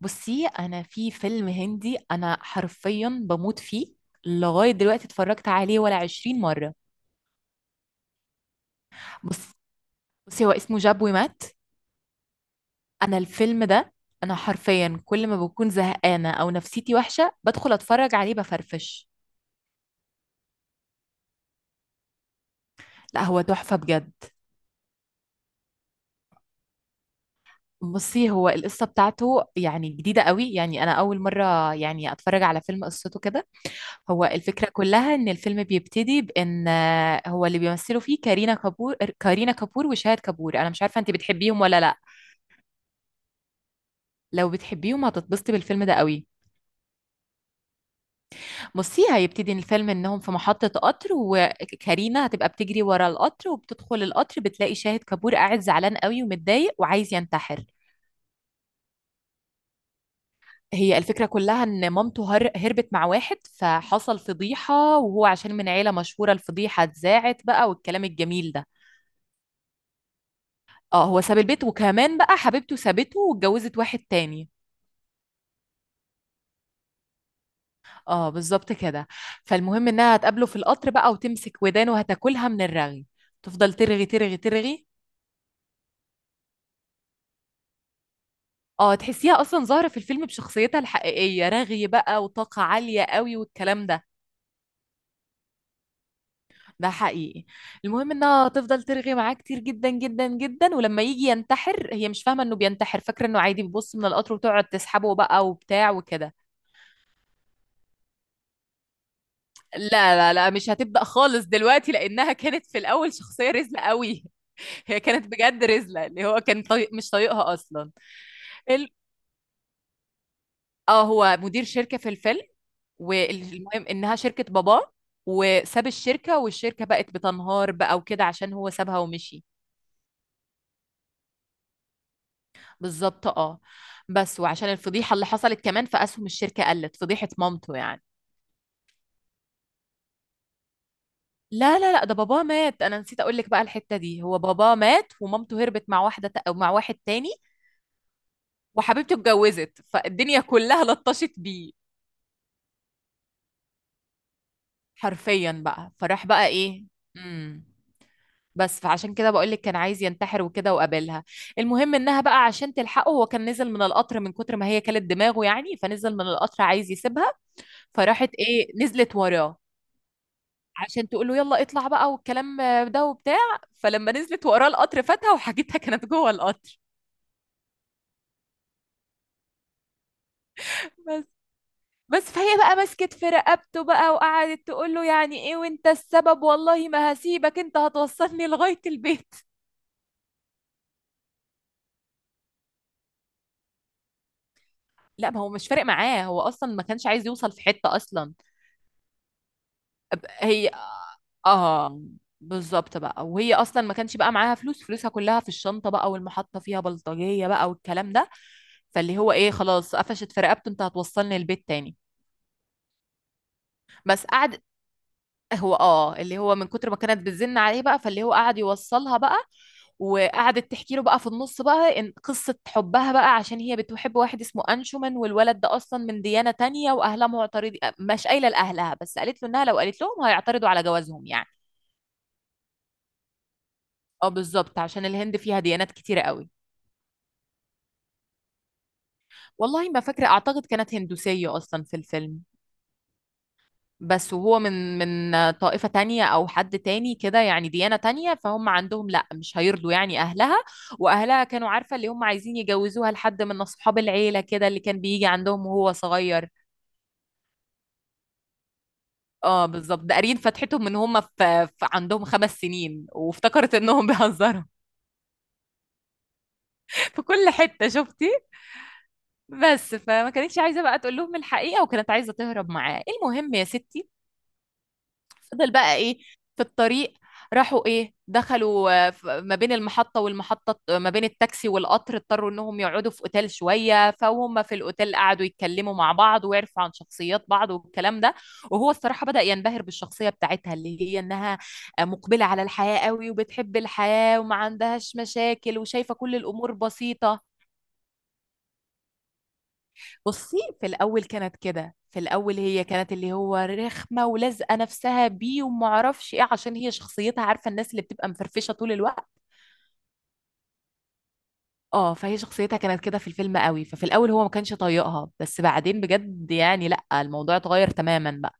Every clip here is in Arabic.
بصي انا في فيلم هندي، حرفيا بموت فيه. لغايه دلوقتي اتفرجت عليه ولا 20 مره. بص بصي هو اسمه جاب ومات. الفيلم ده حرفيا كل ما بكون زهقانه او نفسيتي وحشه بدخل اتفرج عليه بفرفش. لا هو تحفه بجد. بصي هو القصه بتاعته يعني جديده قوي، يعني انا اول مره يعني اتفرج على فيلم قصته كده. هو الفكرة كلها إن الفيلم بيبتدي بإن هو اللي بيمثلوا فيه كارينا كابور، كارينا كابور، وشاهد كابور. أنا مش عارفة أنت بتحبيهم ولا لأ. لو بتحبيهم هتتبسطي بالفيلم ده قوي. بصي هيبتدي الفيلم إنهم في محطة قطر، وكارينا هتبقى بتجري ورا القطر وبتدخل القطر بتلاقي شاهد كابور قاعد زعلان قوي ومتضايق وعايز ينتحر. هي الفكرة كلها إن مامته هربت مع واحد، فحصل فضيحة، وهو عشان من عيلة مشهورة الفضيحة اتذاعت بقى والكلام الجميل ده. اه هو ساب البيت، وكمان بقى حبيبته سابته واتجوزت واحد تاني. اه بالظبط كده. فالمهم انها هتقابله في القطر بقى وتمسك ودانه وهتاكلها من الرغي. تفضل ترغي ترغي ترغي. اه تحسيها اصلا ظاهرة في الفيلم بشخصيتها الحقيقية، رغي بقى وطاقة عالية قوي والكلام ده. ده حقيقي. المهم انها تفضل ترغي معاه كتير جدا جدا جدا، ولما يجي ينتحر هي مش فاهمة انه بينتحر، فاكرة انه عادي بيبص من القطر، وتقعد تسحبه بقى وبتاع وكده. لا لا لا مش هتبدأ خالص دلوقتي، لأنها كانت في الأول شخصية رزلة قوي. هي كانت بجد رزلة، اللي هو كان مش طايقها أصلا. ال... اه هو مدير شركة في الفيلم. والمهم إنها شركة باباه، وساب الشركة والشركة بقت بتنهار بقى وكده عشان هو سابها ومشي. بالظبط اه. بس وعشان الفضيحة اللي حصلت كمان فأسهم الشركة قلت، فضيحة مامته يعني. لا لا لا ده باباه مات، انا نسيت اقول لك بقى الحتة دي. هو باباه مات ومامته هربت مع واحدة ت- أو مع واحد تاني. وحبيبته اتجوزت، فالدنيا كلها لطشت بيه. حرفيا بقى فراح بقى ايه. امم بس فعشان كده بقول لك كان عايز ينتحر وكده وقابلها. المهم انها بقى عشان تلحقه، هو كان نزل من القطر من كتر ما هي كلت دماغه يعني، فنزل من القطر عايز يسيبها. فراحت ايه نزلت وراه عشان تقول له يلا اطلع بقى والكلام ده وبتاع. فلما نزلت وراه القطر فاتها، وحاجتها كانت جوه القطر. بس بس فهي بقى مسكت في رقبته بقى وقعدت تقول له يعني ايه، وانت السبب، والله ما هسيبك، انت هتوصلني لغاية البيت. لا ما هو مش فارق معاه، هو اصلا ما كانش عايز يوصل في حتة اصلا. هي اه بالظبط بقى. وهي اصلا ما كانش بقى معاها فلوس، فلوسها كلها في الشنطة بقى، والمحطة فيها بلطجية بقى والكلام ده. فاللي هو ايه خلاص قفشت في رقبته، انت هتوصلني البيت تاني. بس قعدت. هو اه اللي هو من كتر ما كانت بتزن عليه بقى فاللي هو قعد يوصلها بقى. وقعدت تحكي له بقى في النص بقى ان قصة حبها بقى، عشان هي بتحب واحد اسمه انشومان، والولد ده اصلا من ديانة تانية واهلها معترضين، مش قايلة لاهلها، بس قالت له انها لو قالت لهم هيعترضوا على جوازهم يعني. اه بالظبط، عشان الهند فيها ديانات كتيرة قوي. والله ما فاكرة، اعتقد كانت هندوسية اصلا في الفيلم. بس وهو من طائفة تانية أو حد تاني كده يعني، ديانة تانية، فهم عندهم لأ مش هيرضوا يعني أهلها. وأهلها كانوا عارفة اللي هم عايزين يجوزوها لحد من أصحاب العيلة كده اللي كان بيجي عندهم وهو صغير. اه بالظبط، ده قارين فتحتهم من هم في عندهم 5 سنين، وافتكرت انهم بيهزروا. في كل حتة شفتي. بس فما كانتش عايزة بقى تقول لهم الحقيقة، وكانت عايزة تهرب معاه. المهم يا ستي فضل بقى ايه في الطريق. راحوا ايه دخلوا ما بين المحطة والمحطة، ما بين التاكسي والقطر، اضطروا انهم يقعدوا في اوتيل شوية. فهم في الاوتيل قعدوا يتكلموا مع بعض ويعرفوا عن شخصيات بعض والكلام ده. وهو الصراحة بدأ ينبهر بالشخصية بتاعتها، اللي هي انها مقبلة على الحياة قوي وبتحب الحياة وما عندهاش مشاكل وشايفة كل الامور بسيطة. بصي في الأول كانت كده، في الأول هي كانت اللي هو رخمة ولازقة نفسها بيه ومعرفش ايه، عشان هي شخصيتها، عارفة الناس اللي بتبقى مفرفشة طول الوقت. اه فهي شخصيتها كانت كده في الفيلم قوي، ففي الأول هو ما كانش طايقها، بس بعدين بجد يعني لأ الموضوع اتغير تماما بقى.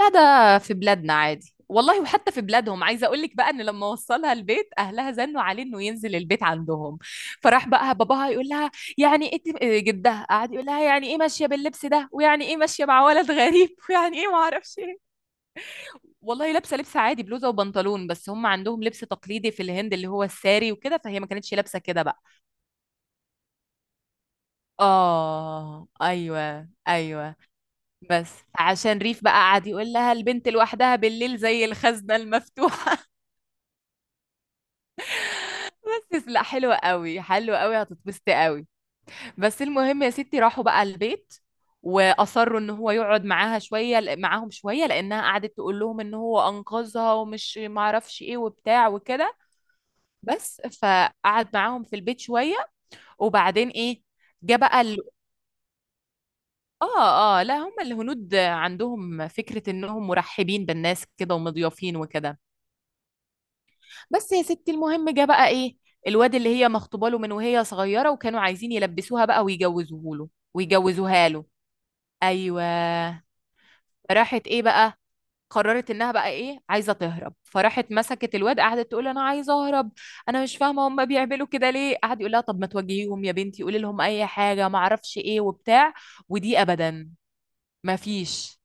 لا ده في بلادنا عادي والله، وحتى في بلادهم. عايزه اقول لك بقى ان لما وصلها البيت اهلها زنوا عليه انه ينزل البيت عندهم. فراح بقى باباها يقول لها يعني ايه إيه، جدها قعد يقول لها يعني ايه ماشيه باللبس ده، ويعني ايه ماشيه مع ولد غريب، ويعني ايه ما اعرفش ايه. والله لابسه لبس عادي، بلوزه وبنطلون، بس هم عندهم لبس تقليدي في الهند اللي هو الساري وكده، فهي ما كانتش لابسه كده بقى. اه ايوه ايوه. بس عشان ريف بقى قعد يقول لها البنت لوحدها بالليل زي الخزنه المفتوحه. بس لا حلوة قوي، حلوة قوي، هتتبسطي قوي. بس المهم يا ستي راحوا بقى البيت. واصروا ان هو يقعد معاها شويه، معاهم شويه، لانها قعدت تقول لهم ان هو انقذها ومش معرفش ايه وبتاع وكده. بس فقعد معاهم في البيت شويه. وبعدين ايه جه بقى اه اه لا هم الهنود عندهم فكره انهم مرحبين بالناس كده ومضيافين وكده. بس يا ستي المهم جه بقى ايه الواد اللي هي مخطوبه له من وهي صغيره، وكانوا عايزين يلبسوها بقى ويجوزوه له، ويجوزوها له. ايوه. راحت ايه بقى، قررت انها بقى ايه عايزه تهرب، فراحت مسكت الواد قعدت تقول انا عايزه اهرب. انا مش فاهمه هم بيعملوا كده ليه، قعد يقول لها طب ما تواجهيهم يا بنتي، قولي لهم اي حاجه ما اعرفش ايه وبتاع. ودي ابدا ما فيش.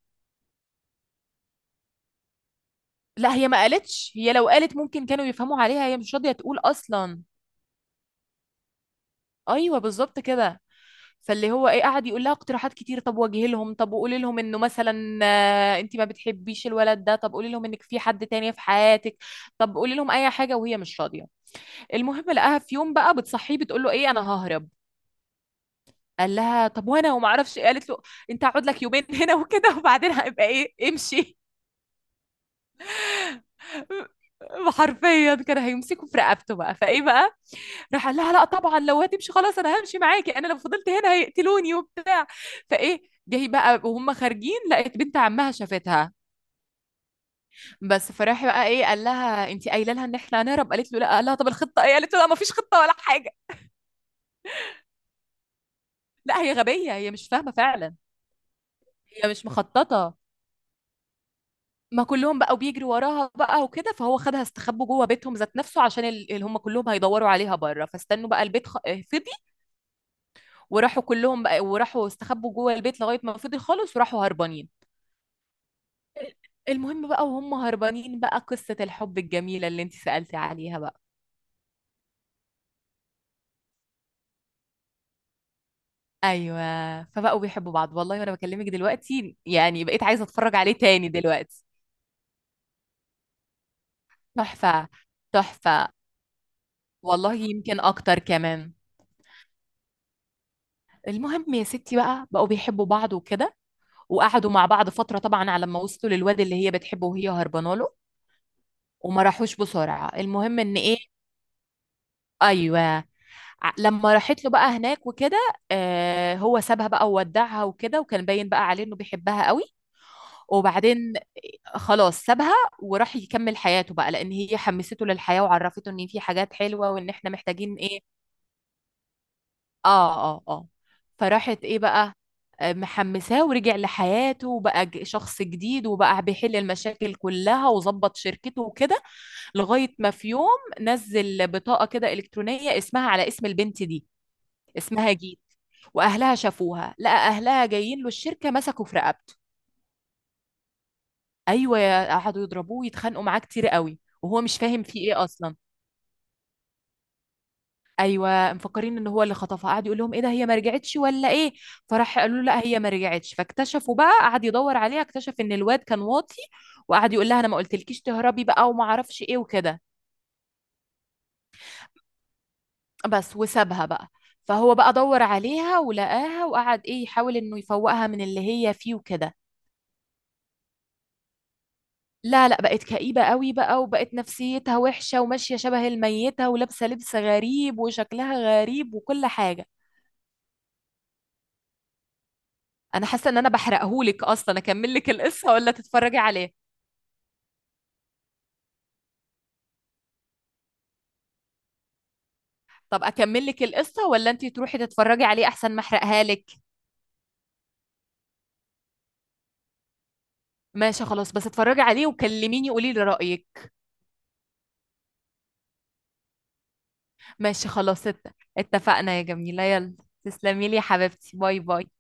لا هي ما قالتش، هي لو قالت ممكن كانوا يفهموا عليها، هي مش راضيه تقول اصلا. ايوه بالظبط كده. فاللي هو ايه قعد يقول لها اقتراحات كتير، طب واجهي لهم، طب وقولي لهم انه مثلا انت ما بتحبيش الولد ده، طب قولي لهم انك في حد تاني في حياتك، طب قولي لهم اي حاجه، وهي مش راضيه. المهم لقاها في يوم بقى بتصحيه بتقول له ايه انا ههرب. قال لها طب وانا وما اعرفش إيه؟ قالت له انت هقعد لك 2 يومين هنا وكده وبعدين هيبقى ايه امشي. حرفيا كان هيمسكه في رقبته بقى فايه بقى. راح قال لها لا طبعا لو هتمشي خلاص انا همشي معاكي، انا لو فضلت هنا هيقتلوني وبتاع. فايه جاي بقى وهم خارجين لقت بنت عمها شافتها. بس فراح بقى ايه قال لها انت قايله لها ان احنا هنهرب، قالت له لا، قال لها طب الخطه ايه، قالت له لا ما فيش خطه ولا حاجه. لا هي غبيه، هي مش فاهمه فعلا، هي مش مخططه. ما كلهم بقوا بيجروا وراها بقى وكده، فهو خدها استخبوا جوه بيتهم ذات نفسه عشان اللي هم كلهم هيدوروا عليها بره، فاستنوا بقى البيت فضي، وراحوا كلهم بقى، وراحوا استخبوا جوه البيت لغايه ما فضي خالص، وراحوا هربانين. المهم بقى وهم هربانين بقى قصة الحب الجميلة اللي انت سألتي عليها بقى. ايوه فبقوا بيحبوا بعض والله، وانا بكلمك دلوقتي يعني بقيت عايزة اتفرج عليه تاني دلوقتي. تحفة تحفة، والله يمكن اكتر كمان. المهم يا ستي بقى بقوا بيحبوا بعض وكده، وقعدوا مع بعض فترة طبعا على ما وصلوا للواد اللي هي بتحبه وهي هربانه له، وما راحوش بسرعة. المهم ان ايه ايوه، لما راحت له بقى هناك وكده آه هو سابها بقى وودعها وكده، وكان باين بقى عليه انه بيحبها قوي. وبعدين خلاص سابها وراح يكمل حياته بقى، لان هي حمسته للحياة وعرفته ان في حاجات حلوة وان احنا محتاجين ايه. اه اه اه. فراحت ايه بقى محمساه، ورجع لحياته وبقى شخص جديد، وبقى بيحل المشاكل كلها وظبط شركته وكده. لغاية ما في يوم نزل بطاقة كده إلكترونية اسمها على اسم البنت دي، اسمها جيت. وأهلها شافوها، لقى أهلها جايين له الشركة مسكوا في رقبته. ايوه قعدوا يضربوه يتخانقوا معاه كتير قوي وهو مش فاهم في ايه اصلا. ايوه مفكرين ان هو اللي خطفها، قعد يقول لهم ايه ده هي ما رجعتش ولا ايه. فراح قالوا له لا هي ما رجعتش، فاكتشفوا بقى، قعد يدور عليها، اكتشف ان الواد كان واطي وقعد يقول لها انا ما قلتلكيش تهربي بقى وما اعرفش ايه وكده. بس وسابها بقى. فهو بقى دور عليها ولقاها وقعد ايه يحاول انه يفوقها من اللي هي فيه وكده. لا لا بقت كئيبة قوي بقى، وبقت نفسيتها وحشة وماشية شبه الميتة ولابسة لبس غريب وشكلها غريب وكل حاجة. أنا حاسة إن أنا بحرقهولك أصلا، أكمل لك القصة ولا تتفرجي عليه؟ طب أكمل لك القصة ولا أنتي تروحي تتفرجي عليه أحسن ما أحرقها لك؟ ماشي خلاص بس اتفرجي عليه وكلميني قولي لي رأيك. ماشي خلاص اتفقنا يا جميلة، يلا تسلمي لي يا حبيبتي، باي باي.